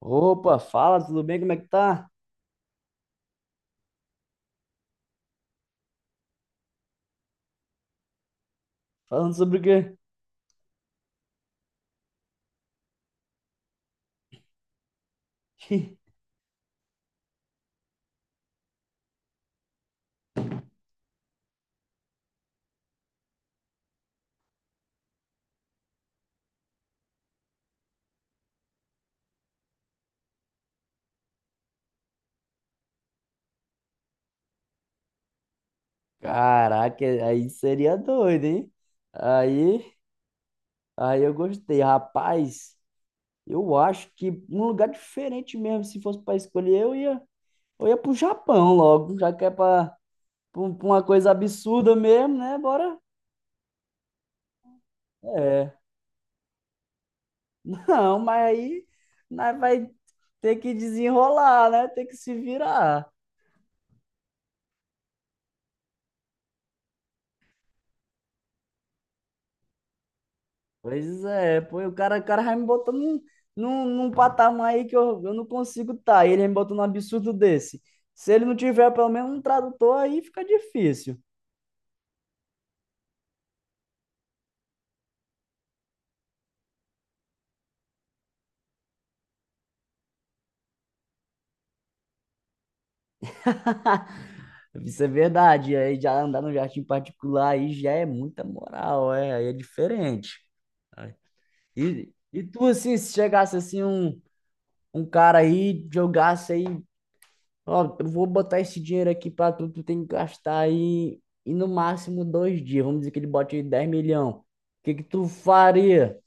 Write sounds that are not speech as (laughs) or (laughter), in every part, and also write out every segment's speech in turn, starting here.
Opa, fala, tudo bem? Como é que tá? Falando sobre o quê? (laughs) Caraca, aí seria doido, hein? Aí, aí, eu gostei. Rapaz, eu acho que um lugar diferente mesmo, se fosse para escolher, eu ia pro Japão logo, já que é pra uma coisa absurda mesmo, né? Bora. É. (laughs) Não, mas aí nós vai ter que desenrolar, né? Ter que se virar. Pois é, pô, o cara vai me botando num patamar aí que eu não consigo estar. Tá. Ele me botou num absurdo desse. Se ele não tiver pelo menos um tradutor, aí fica difícil. (laughs) Isso é verdade. Aí já andar no jardim particular aí já é muita moral, é, aí é diferente. Ai. E tu, assim, se chegasse assim um, um cara aí, jogasse aí. Ó, eu vou botar esse dinheiro aqui pra tu, tu tem que gastar aí e no máximo 2 dias. Vamos dizer que ele bote aí 10 milhões. O que que tu faria?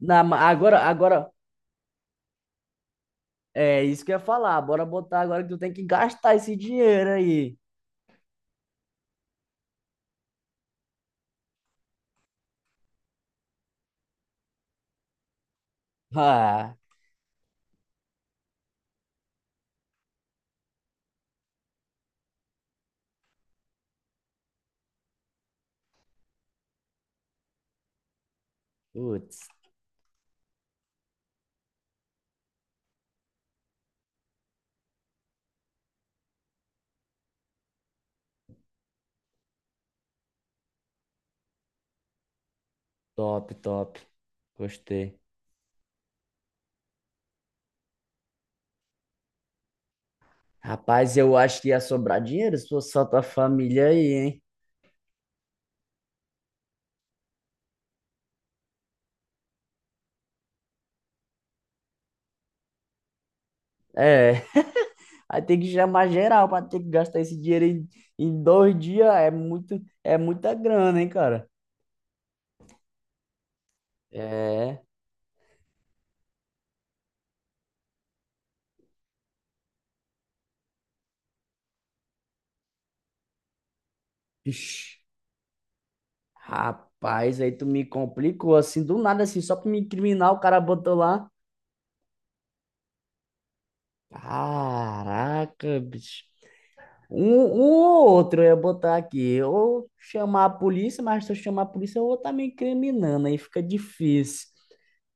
Agora, é isso que eu ia falar. Bora botar agora que tu tem que gastar esse dinheiro aí. Ah, putz, top, top. Gostei. Rapaz, eu acho que ia sobrar dinheiro se fosse só tua família aí, hein? É, aí tem que chamar geral pra ter que gastar esse dinheiro em 2 dias. É muita grana, hein, cara? É. Ixi. Rapaz, aí tu me complicou assim, do nada assim, só pra me incriminar, o cara botou lá. Caraca, bicho. Um ou outro eu ia botar aqui. Ou chamar a polícia, mas se eu chamar a polícia, eu vou estar me incriminando, aí fica difícil.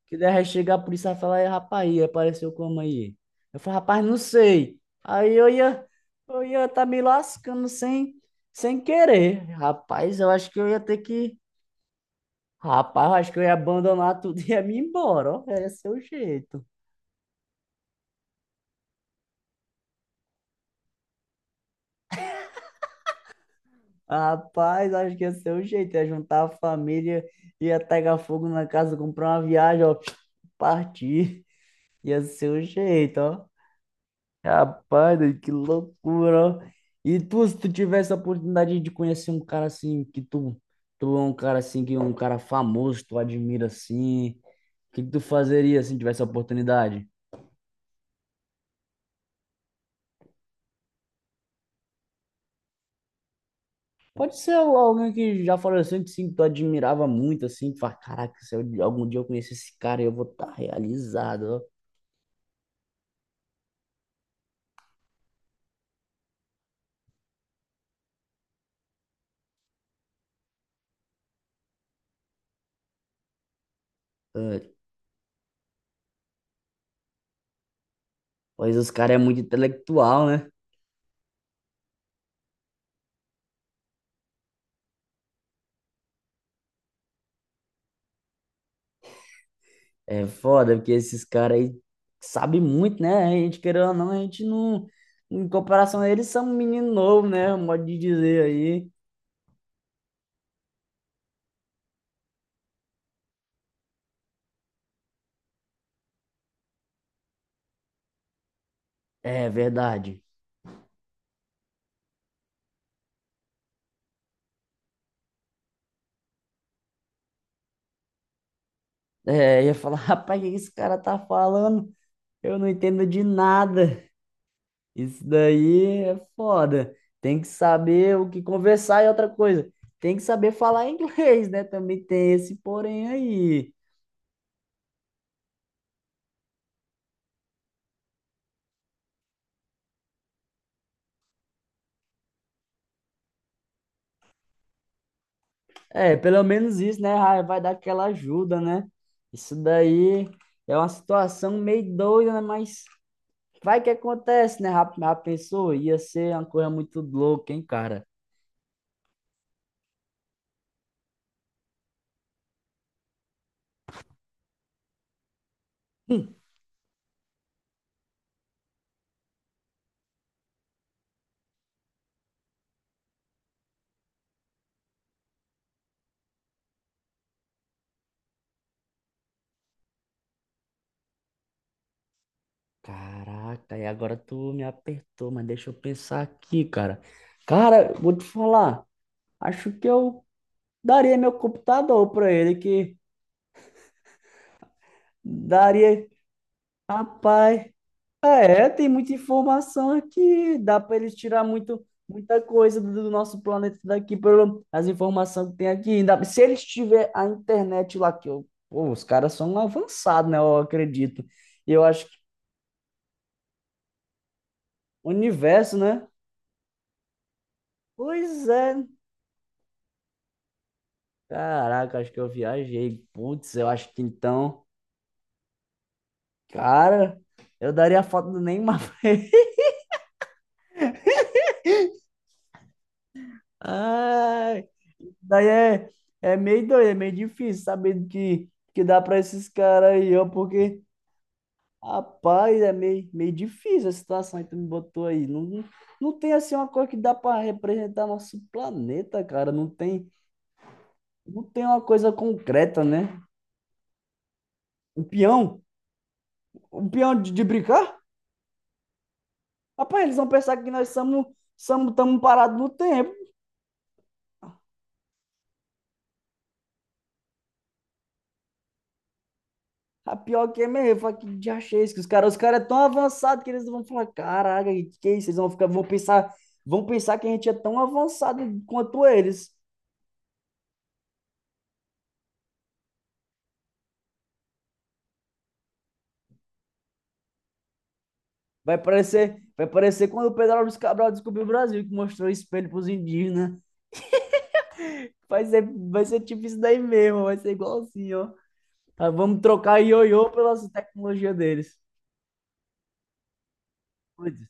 Que daí chegar a polícia e falar: "Ei, rapaz, aí, apareceu como aí?" Eu falo: rapaz, não sei. Aí eu ia estar me lascando sem querer. Rapaz, eu acho que eu ia abandonar tudo e ia me embora, ó. Ia ser o jeito. Rapaz, acho que ia ser o jeito. Ia juntar a família, ia pegar fogo na casa, comprar uma viagem, ó. Partir. Ia ser o jeito, ó. Rapaz, doido, que loucura, ó. E tu, se tu tivesse a oportunidade de conhecer um cara assim, que tu é um cara assim, que é um cara famoso, tu admira assim, o que que tu fazeria assim, tivesse a oportunidade? Pode ser alguém que já faleceu assim, que sim, que tu admirava muito, assim, que fala, caraca, se eu- algum dia eu conhecer esse cara, eu vou estar realizado, ó. Ah, pois os caras é muito intelectual, né? É foda, porque esses caras aí sabem muito, né? A gente, querendo ou não, a gente não... Em comparação a eles, são um menino novo, né? Um modo de dizer aí. É verdade. É, eu ia falar, (laughs) rapaz, o que esse cara tá falando? Eu não entendo de nada. Isso daí é foda. Tem que saber o que conversar e outra coisa. Tem que saber falar (laughs) inglês, né? Também tem esse porém aí. É, pelo menos isso, né? Vai dar aquela ajuda, né? Isso daí é uma situação meio doida, né? Mas vai que acontece, né? rap Já pensou? Ia ser uma coisa muito louca, hein, cara? Caraca, e agora tu me apertou, mas deixa eu pensar aqui, cara. Cara, vou te falar. Acho que eu daria meu computador para ele, que daria. Rapaz, é, tem muita informação aqui. Dá para eles tirar muito, muita coisa do nosso planeta daqui, pelo as informações que tem aqui. Ainda, se eles tiver a internet lá, que eu, pô, os caras são avançados, né? Eu acredito. E eu acho que o universo, né? Pois é. Caraca, acho que eu viajei. Putz, eu acho que então, cara, eu daria a foto do Neymar. (laughs) Ai. Daí é meio doido, é meio difícil saber que dá pra esses caras aí, ó, porque, rapaz, é meio, meio difícil a situação que tu me botou aí. Não, não não tem, assim, uma coisa que dá pra representar nosso planeta, cara. Não tem, não tem uma coisa concreta, né? Um peão? Um peão de brincar? Rapaz, eles vão pensar que nós somos, estamos parados no tempo. A pior que é mesmo, eu falo, que diacho é esse? Que os caras é tão avançados que eles vão falar, caraca, que é isso? Eles vão ficar, vão pensar que a gente é tão avançado quanto eles. Vai parecer quando o Pedro Álvares Cabral descobriu o Brasil, que mostrou o espelho pros indígenas. Vai ser, vai ser tipo isso daí mesmo, vai ser igual assim, ó. Ah, vamos trocar ioiô pela tecnologia deles. Putz,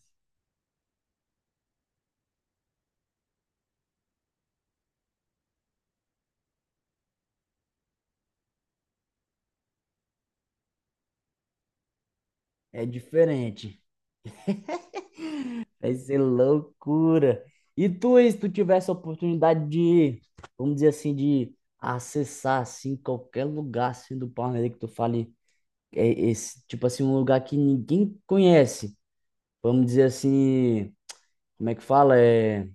é diferente. Vai ser loucura. E tu, e se tu tivesse a oportunidade de, vamos dizer assim, de acessar assim qualquer lugar assim do planeta que tu fale, é esse, tipo assim, um lugar que ninguém conhece. Vamos dizer assim, como é que fala? É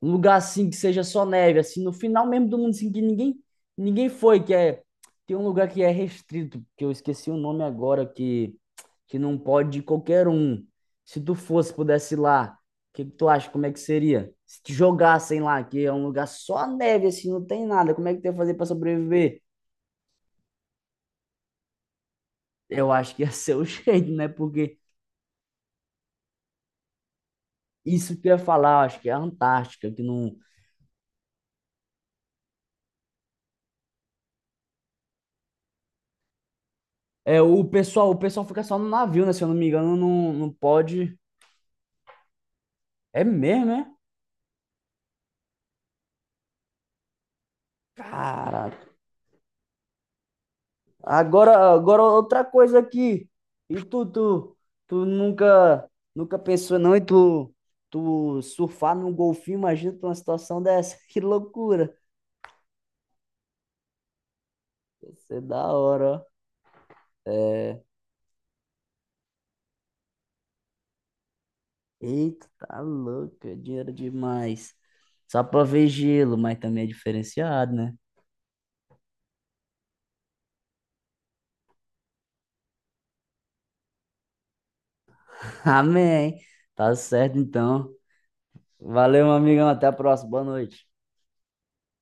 um lugar assim que seja só neve, assim, no final mesmo do mundo, assim, que ninguém foi, que é. Tem um lugar que é restrito, que eu esqueci o nome agora, que não pode ir qualquer um. Se tu fosse, pudesse ir lá, o que, que tu acha? Como é que seria? Se te jogassem lá, que é um lugar só neve, assim, não tem nada, como é que tu ia fazer para sobreviver? Eu acho que ia ser o (laughs) jeito, né? Porque isso que eu ia falar, eu acho que é a Antártica, que não. É, o pessoal fica só no navio, né? Se eu não me engano, não, não pode. É mesmo, né? Cara, agora outra coisa aqui. E tu nunca, nunca pensou não em tu surfar num golfinho? Imagina tu numa situação dessa. (laughs) Que loucura. Ia ser da hora, ó. Eita, tá louco. É dinheiro demais. Só pra ver gelo, mas também é diferenciado, né? (laughs) Amém. Tá certo, então. Valeu, meu amigão. Até a próxima. Boa noite.